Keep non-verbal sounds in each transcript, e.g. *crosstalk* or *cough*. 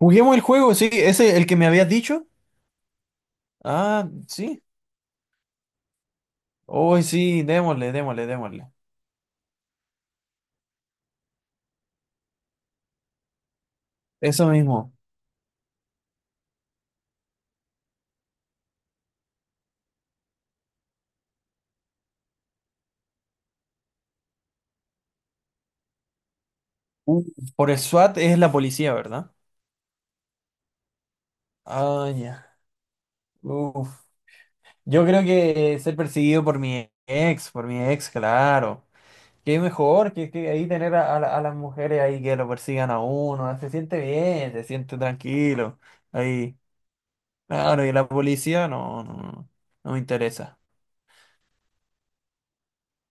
Juguemos el juego, sí, ese el que me habías dicho. Ah, sí. Oh, sí, démosle, démosle, démosle. Eso mismo. Uf, por el SWAT es la policía, ¿verdad? Ah, ya. Uf. Yo creo que ser perseguido por mi ex, claro. Qué mejor que ahí tener a a las mujeres ahí que lo persigan a uno. Se siente bien, se siente tranquilo. Ahí. Claro, y la policía no, no, no, no me interesa.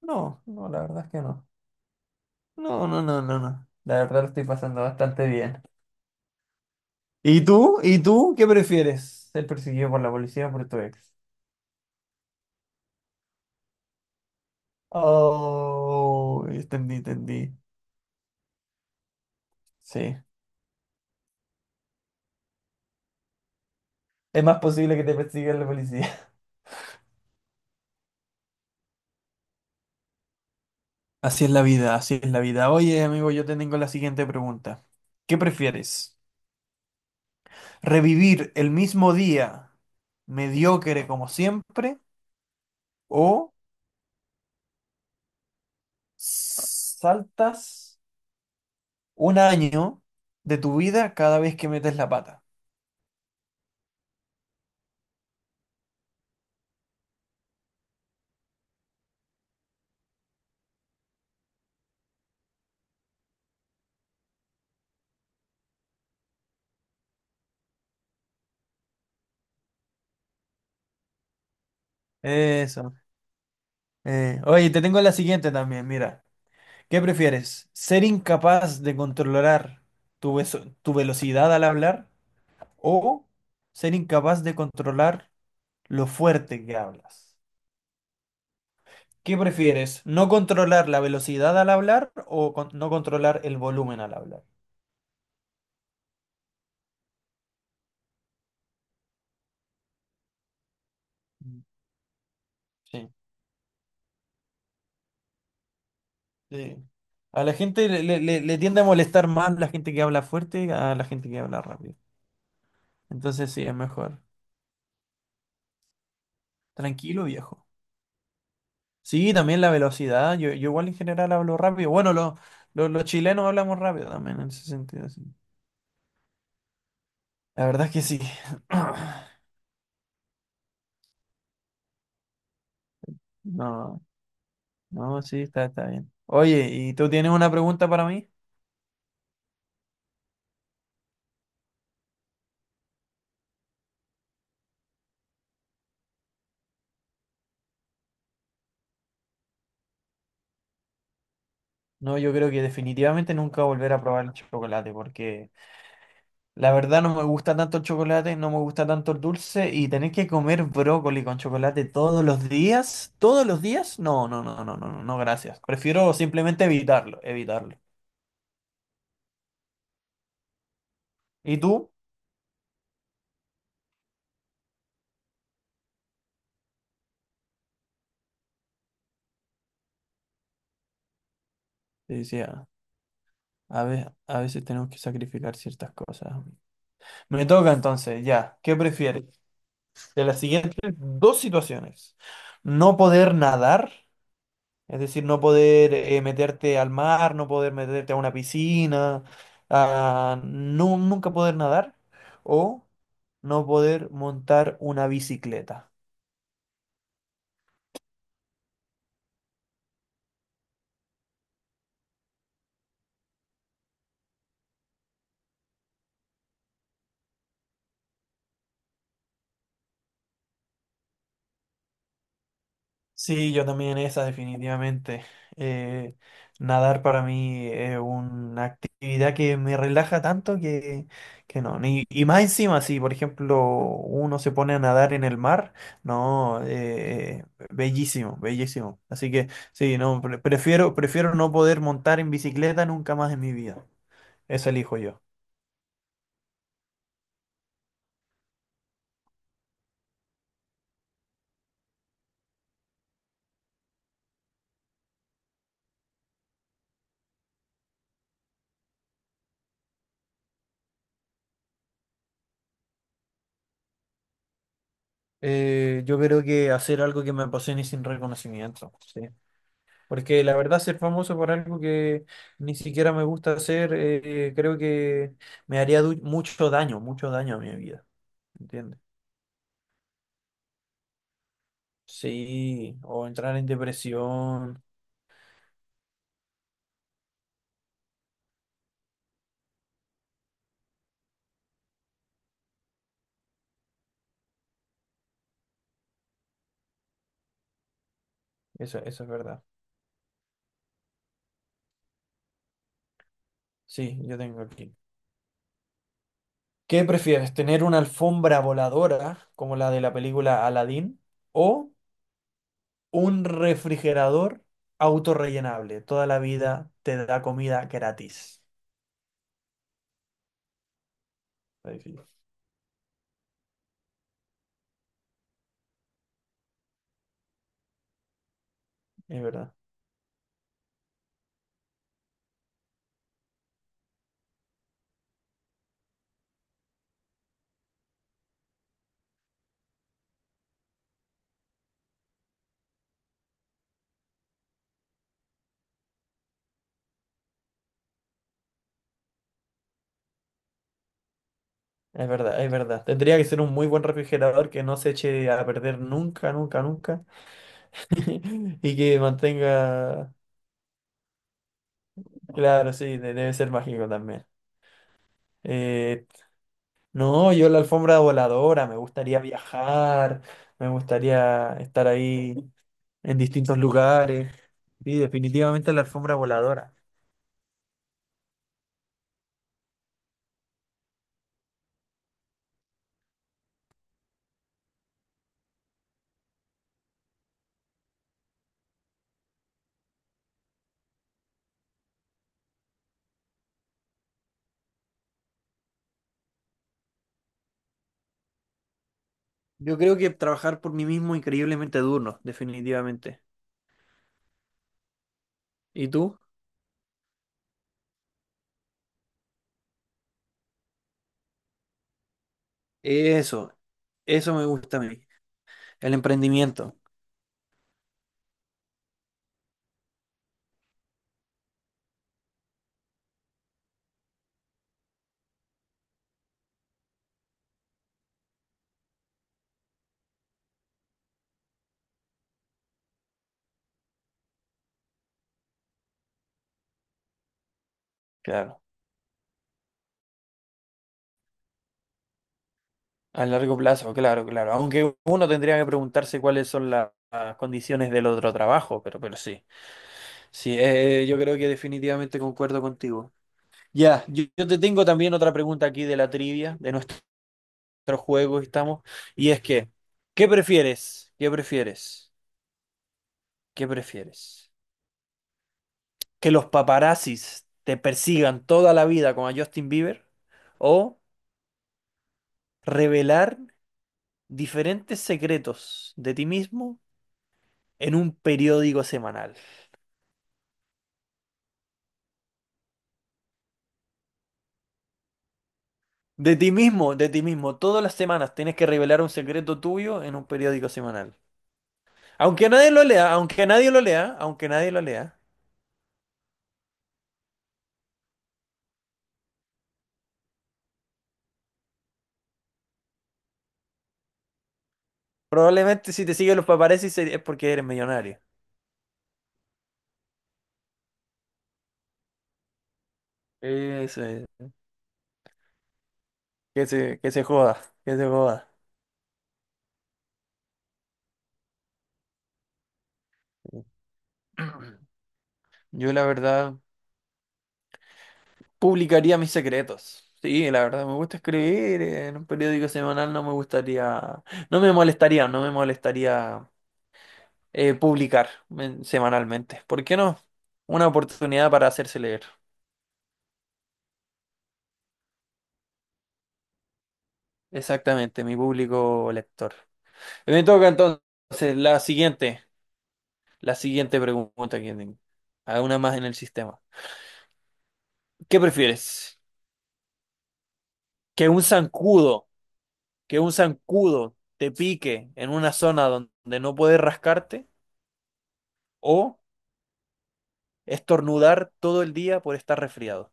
No, no, la verdad es que no. No, no, no, no, no. La verdad lo estoy pasando bastante bien. ¿Y tú? ¿Y tú qué prefieres? ¿Ser perseguido por la policía o por tu ex? Oh, entendí, entendí. Sí. Es más posible que te persiga la policía. *laughs* Así es la vida, así es la vida. Oye, amigo, yo te tengo la siguiente pregunta. ¿Qué prefieres? ¿Revivir el mismo día mediocre como siempre o saltas un año de tu vida cada vez que metes la pata? Eso. Oye, te tengo la siguiente también, mira. ¿Qué prefieres? ¿Ser incapaz de controlar tu, tu velocidad al hablar o ser incapaz de controlar lo fuerte que hablas? ¿Qué prefieres? ¿No controlar la velocidad al hablar o no controlar el volumen al hablar? Mm. Sí, sí. A la gente le, le tiende a molestar más la gente que habla fuerte a la gente que habla rápido. Entonces sí, es mejor. Tranquilo, viejo. Sí, también la velocidad. Yo igual en general hablo rápido. Bueno, los chilenos hablamos rápido también en ese sentido, sí. La verdad es que sí. *coughs* *clears throat* No, no, sí, está, está bien. Oye, ¿y tú tienes una pregunta para mí? No, yo creo que definitivamente nunca volver a probar el chocolate, porque la verdad no me gusta tanto el chocolate, no me gusta tanto el dulce, y tener que comer brócoli con chocolate todos los días, no, no, no, no, no, no, no, gracias. Prefiero simplemente evitarlo, evitarlo. ¿Y tú? Sí, sí, ah. A veces tenemos que sacrificar ciertas cosas. Me toca entonces, ya. ¿Qué prefieres? De las siguientes dos situaciones. No poder nadar, es decir, no poder meterte al mar, no poder meterte a una piscina, a nunca poder nadar, o no poder montar una bicicleta. Sí, yo también esa, definitivamente. Eh, nadar para mí es una actividad que me relaja tanto que no. Y más encima, si por ejemplo uno se pone a nadar en el mar, no, bellísimo, bellísimo. Así que sí, no, prefiero, prefiero no poder montar en bicicleta nunca más en mi vida. Eso elijo yo. Yo creo que hacer algo que me apasione sin reconocimiento. Porque la verdad ser famoso por algo que ni siquiera me gusta hacer, creo que me haría mucho daño a mi vida. ¿Entiendes? Sí, o entrar en depresión. Eso es verdad. Sí, yo tengo aquí. ¿Qué prefieres? ¿Tener una alfombra voladora como la de la película Aladdin o un refrigerador autorrellenable? Toda la vida te da comida gratis. Está difícil. Es verdad. Es verdad, es verdad. Tendría que ser un muy buen refrigerador que no se eche a perder nunca, nunca, nunca. *laughs* Y que mantenga. Claro, sí, debe ser mágico también. Eh, no, yo la alfombra voladora, me gustaría viajar, me gustaría estar ahí en distintos lugares. Sí, definitivamente la alfombra voladora. Yo creo que trabajar por mí mismo increíblemente duro, definitivamente. ¿Y tú? Eso, eso me gusta a mí, el emprendimiento. Claro. A largo plazo, claro, claro. Aunque uno tendría que preguntarse cuáles son las condiciones del otro trabajo, pero sí. Sí, yo creo que definitivamente concuerdo contigo. Ya, yo te tengo también otra pregunta aquí de la trivia, de nuestro juego que estamos, y es que, ¿qué prefieres? ¿Qué prefieres? ¿Qué prefieres? ¿Que los paparazzis te persigan toda la vida como a Justin Bieber? ¿O revelar diferentes secretos de ti mismo en un periódico semanal? De ti mismo, de ti mismo. Todas las semanas tienes que revelar un secreto tuyo en un periódico semanal. Aunque nadie lo lea, aunque nadie lo lea, aunque nadie lo lea. Probablemente si te siguen los paparazzi es porque eres millonario. Eso es. Que se joda, que se joda. *clears throat* Yo la verdad publicaría mis secretos. Sí, la verdad me gusta escribir. En un periódico semanal no me gustaría, no me molestaría, no me molestaría publicar semanalmente. ¿Por qué no? Una oportunidad para hacerse leer. Exactamente, mi público lector. Me toca entonces la siguiente pregunta que tengo. Hay una más en el sistema. ¿Qué prefieres? ¿Que un zancudo, que un zancudo te pique en una zona donde no puedes rascarte o estornudar todo el día por estar resfriado?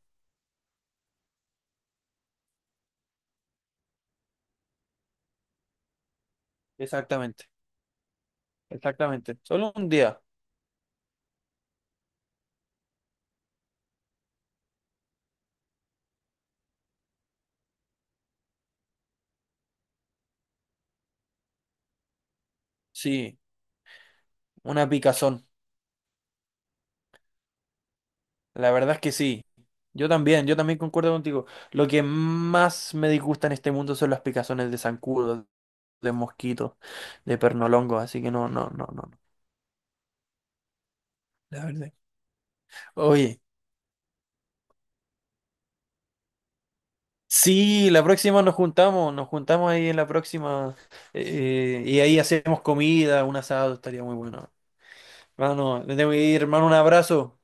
Exactamente, exactamente. Solo un día. Sí, una picazón. La verdad es que sí. Yo también concuerdo contigo. Lo que más me disgusta en este mundo son las picazones de zancudos, de mosquitos, de pernolongos, así que no, no, no, no, no, la verdad. Oye, sí, la próxima nos juntamos ahí en la próxima y ahí hacemos comida, un asado, estaría muy bueno. Hermano, me tengo que ir, hermano, un abrazo.